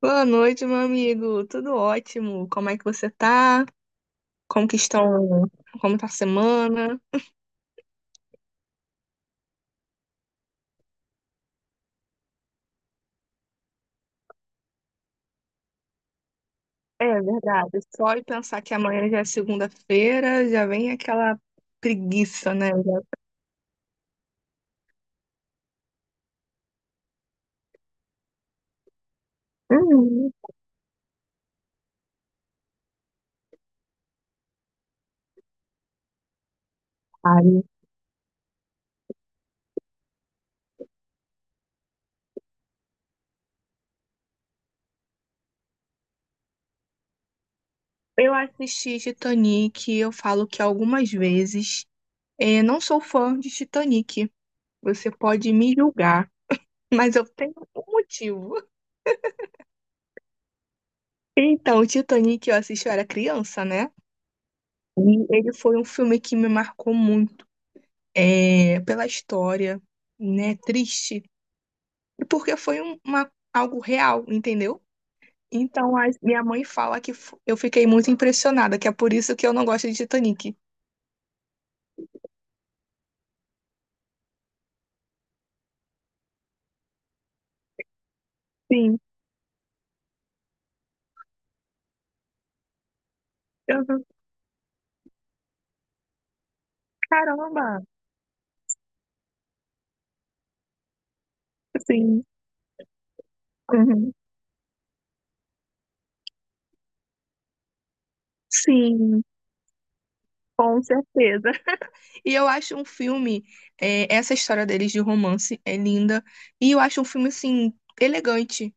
Boa noite, meu amigo. Tudo ótimo. Como é que você tá? Como que estão? Como tá a semana? É verdade. Só de pensar que amanhã já é segunda-feira, já vem aquela preguiça, né? Uhum, claro. Eu assisti Titanic, eu falo que algumas vezes não sou fã de Titanic. Você pode me julgar, mas eu tenho um motivo. Então, o Titanic eu assisti, eu era criança, né? E ele foi um filme que me marcou muito pela história, né? Triste. E porque foi algo real, entendeu? Então, a minha mãe fala que eu fiquei muito impressionada, que é por isso que eu não gosto de Titanic. Sim, eu, não- caramba, sim, uhum, sim, com certeza. E eu acho um filme, essa história deles de romance é linda, e eu acho um filme, assim, elegante.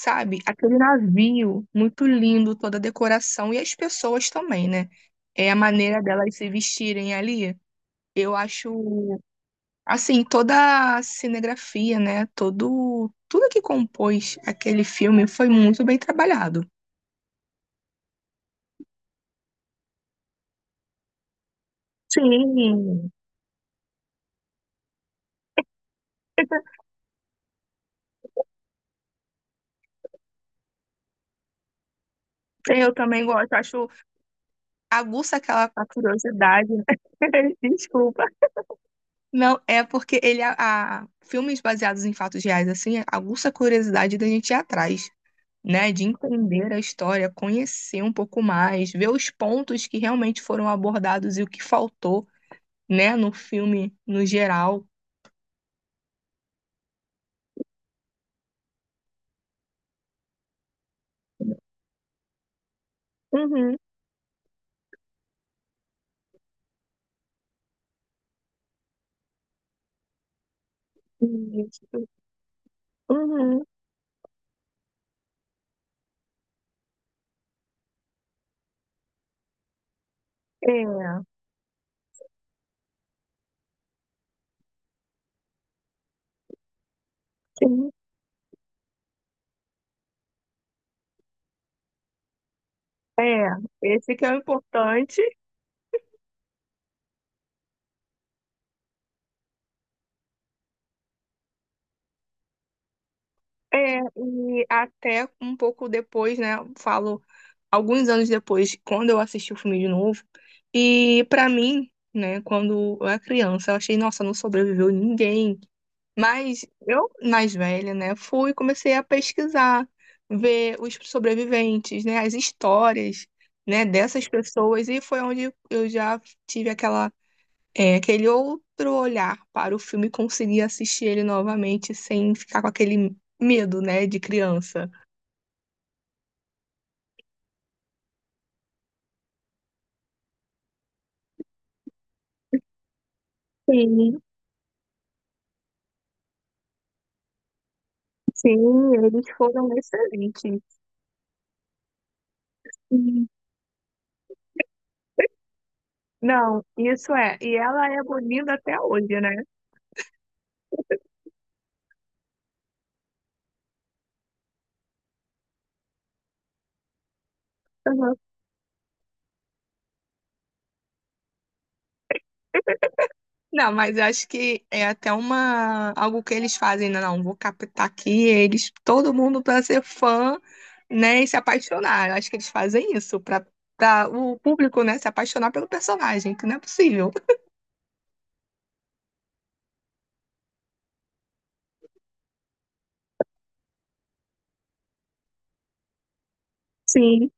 Sabe? Aquele navio muito lindo, toda a decoração e as pessoas também, né? É a maneira delas se vestirem ali. Eu acho, assim, toda a cinegrafia, né? Todo, tudo que compôs aquele filme foi muito bem trabalhado. Sim. Eu também gosto, acho aguça aquela a curiosidade, né? Desculpa. Não, é porque filmes baseados em fatos reais assim aguça a curiosidade da gente ir atrás, né, de entender a história, conhecer um pouco mais, ver os pontos que realmente foram abordados e o que faltou, né, no filme no geral. Uhum. Isso. Uhum. É, sim. É, esse que é o importante. É, e até um pouco depois, né, falo alguns anos depois, quando eu assisti o filme de novo, e para mim, né, quando eu era criança, eu achei, nossa, não sobreviveu ninguém. Mas eu, mais velha, né, fui e comecei a pesquisar, ver os sobreviventes, né, as histórias, né, dessas pessoas, e foi onde eu já tive aquele outro olhar para o filme e consegui assistir ele novamente sem ficar com aquele medo, né, de criança. Sim, sim, eles foram excelentes. Sim. Não, isso é. E ela é bonita até hoje, né? Não, mas eu acho que é até uma algo que eles fazem, né? Não, vou captar aqui eles, todo mundo para ser fã, né, e se apaixonar. Eu acho que eles fazem isso para o público, né, se apaixonar pelo personagem, que não é possível. Sim,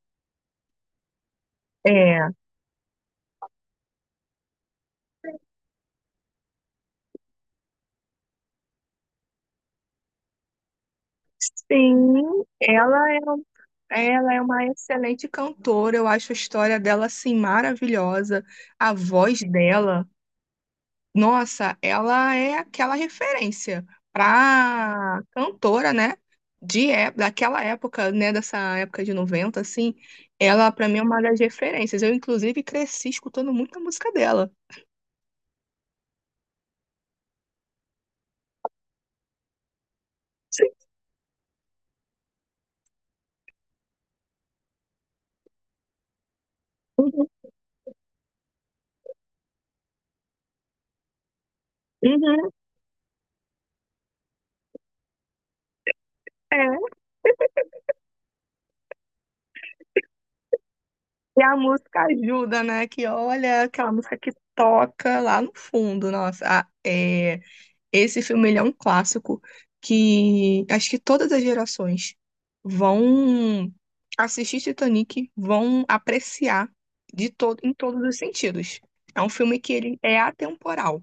é. Sim, ela é uma excelente cantora, eu acho a história dela assim maravilhosa, a voz dela. Nossa, ela é aquela referência pra cantora, né? De, daquela época, né? Dessa época de 90 assim, ela para mim é uma das referências. Eu, inclusive, cresci escutando muita música dela. Sim. Uhum, uhum, é. E a música ajuda, né? Que olha aquela música que toca lá no fundo, nossa, esse filme ele é um clássico que acho que todas as gerações vão assistir Titanic, vão apreciar de todo, em todos os sentidos. É um filme que ele é atemporal.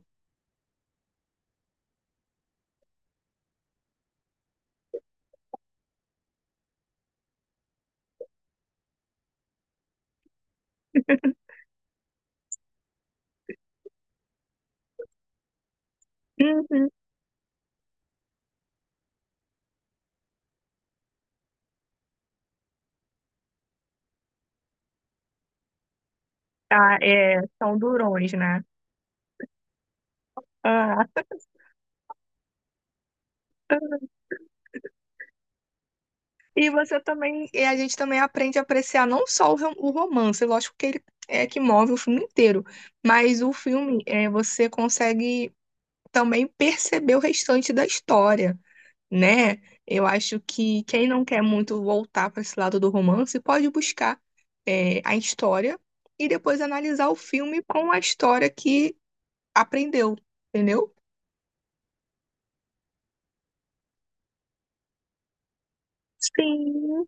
Uhum. Ah, é, são durões, né? Ah, e você também, e a gente também aprende a apreciar não só o romance, lógico que ele é que move o filme inteiro, mas o filme é, você consegue também perceber o restante da história, né? Eu acho que quem não quer muito voltar para esse lado do romance pode buscar a história e depois analisar o filme com a história que aprendeu, entendeu? Sim,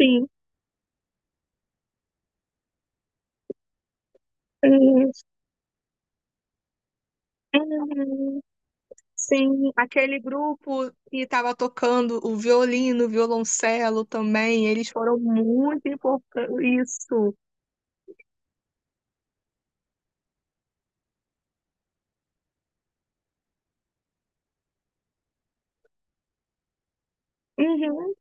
sim. Sim, uhum. Sim. Aquele grupo que estava tocando o violino, o violoncelo também, eles foram muito importantes. Isso. Uhum.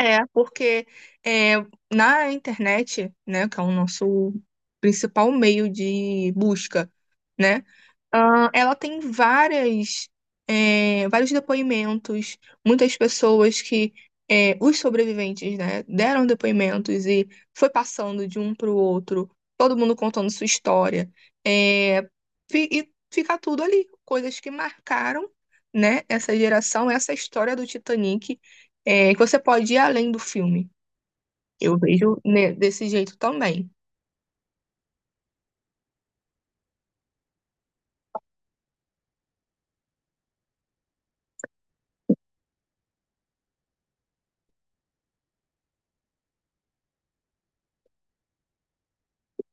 É, porque é, na internet, né, que é o nosso principal meio de busca, né, ah, ela tem várias, vários depoimentos, muitas pessoas que, os sobreviventes, né, deram depoimentos e foi passando de um para o outro, todo mundo contando sua história, é, e fica tudo ali, coisas que marcaram, né, essa geração, essa história do Titanic que você pode ir além do filme. Eu vejo né, desse jeito também.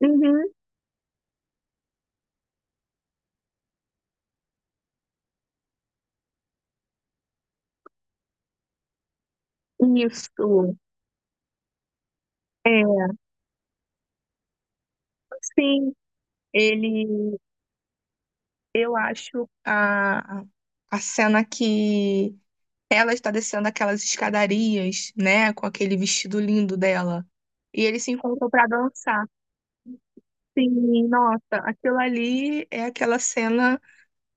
Uhum, isso. É, sim, ele, eu acho a cena que ela está descendo aquelas escadarias, né, com aquele vestido lindo dela, e eles se encontram para dançar. Sim, nossa, aquilo ali é aquela cena,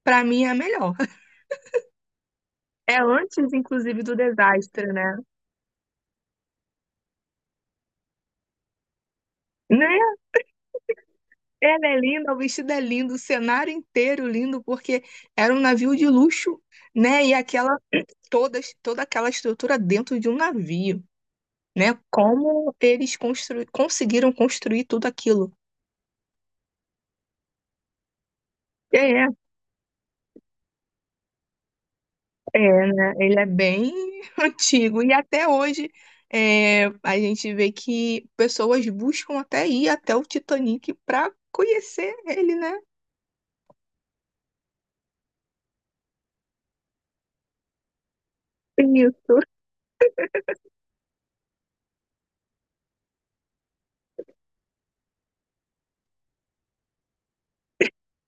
para mim, é a melhor. É antes, inclusive, do desastre, né? Né? Ela é linda, o vestido é lindo, o cenário inteiro lindo, porque era um navio de luxo, né? E toda aquela estrutura dentro de um navio, né? Como eles conseguiram construir tudo aquilo. É, né? Ele é bem antigo e até hoje a gente vê que pessoas buscam até ir até o Titanic para conhecer ele, né? Isso.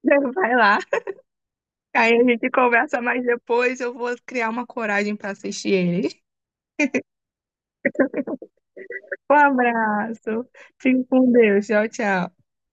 Vai lá. Aí a gente conversa mais depois, eu vou criar uma coragem para assistir ele. Um abraço. Fique com Deus. Tchau, tchau.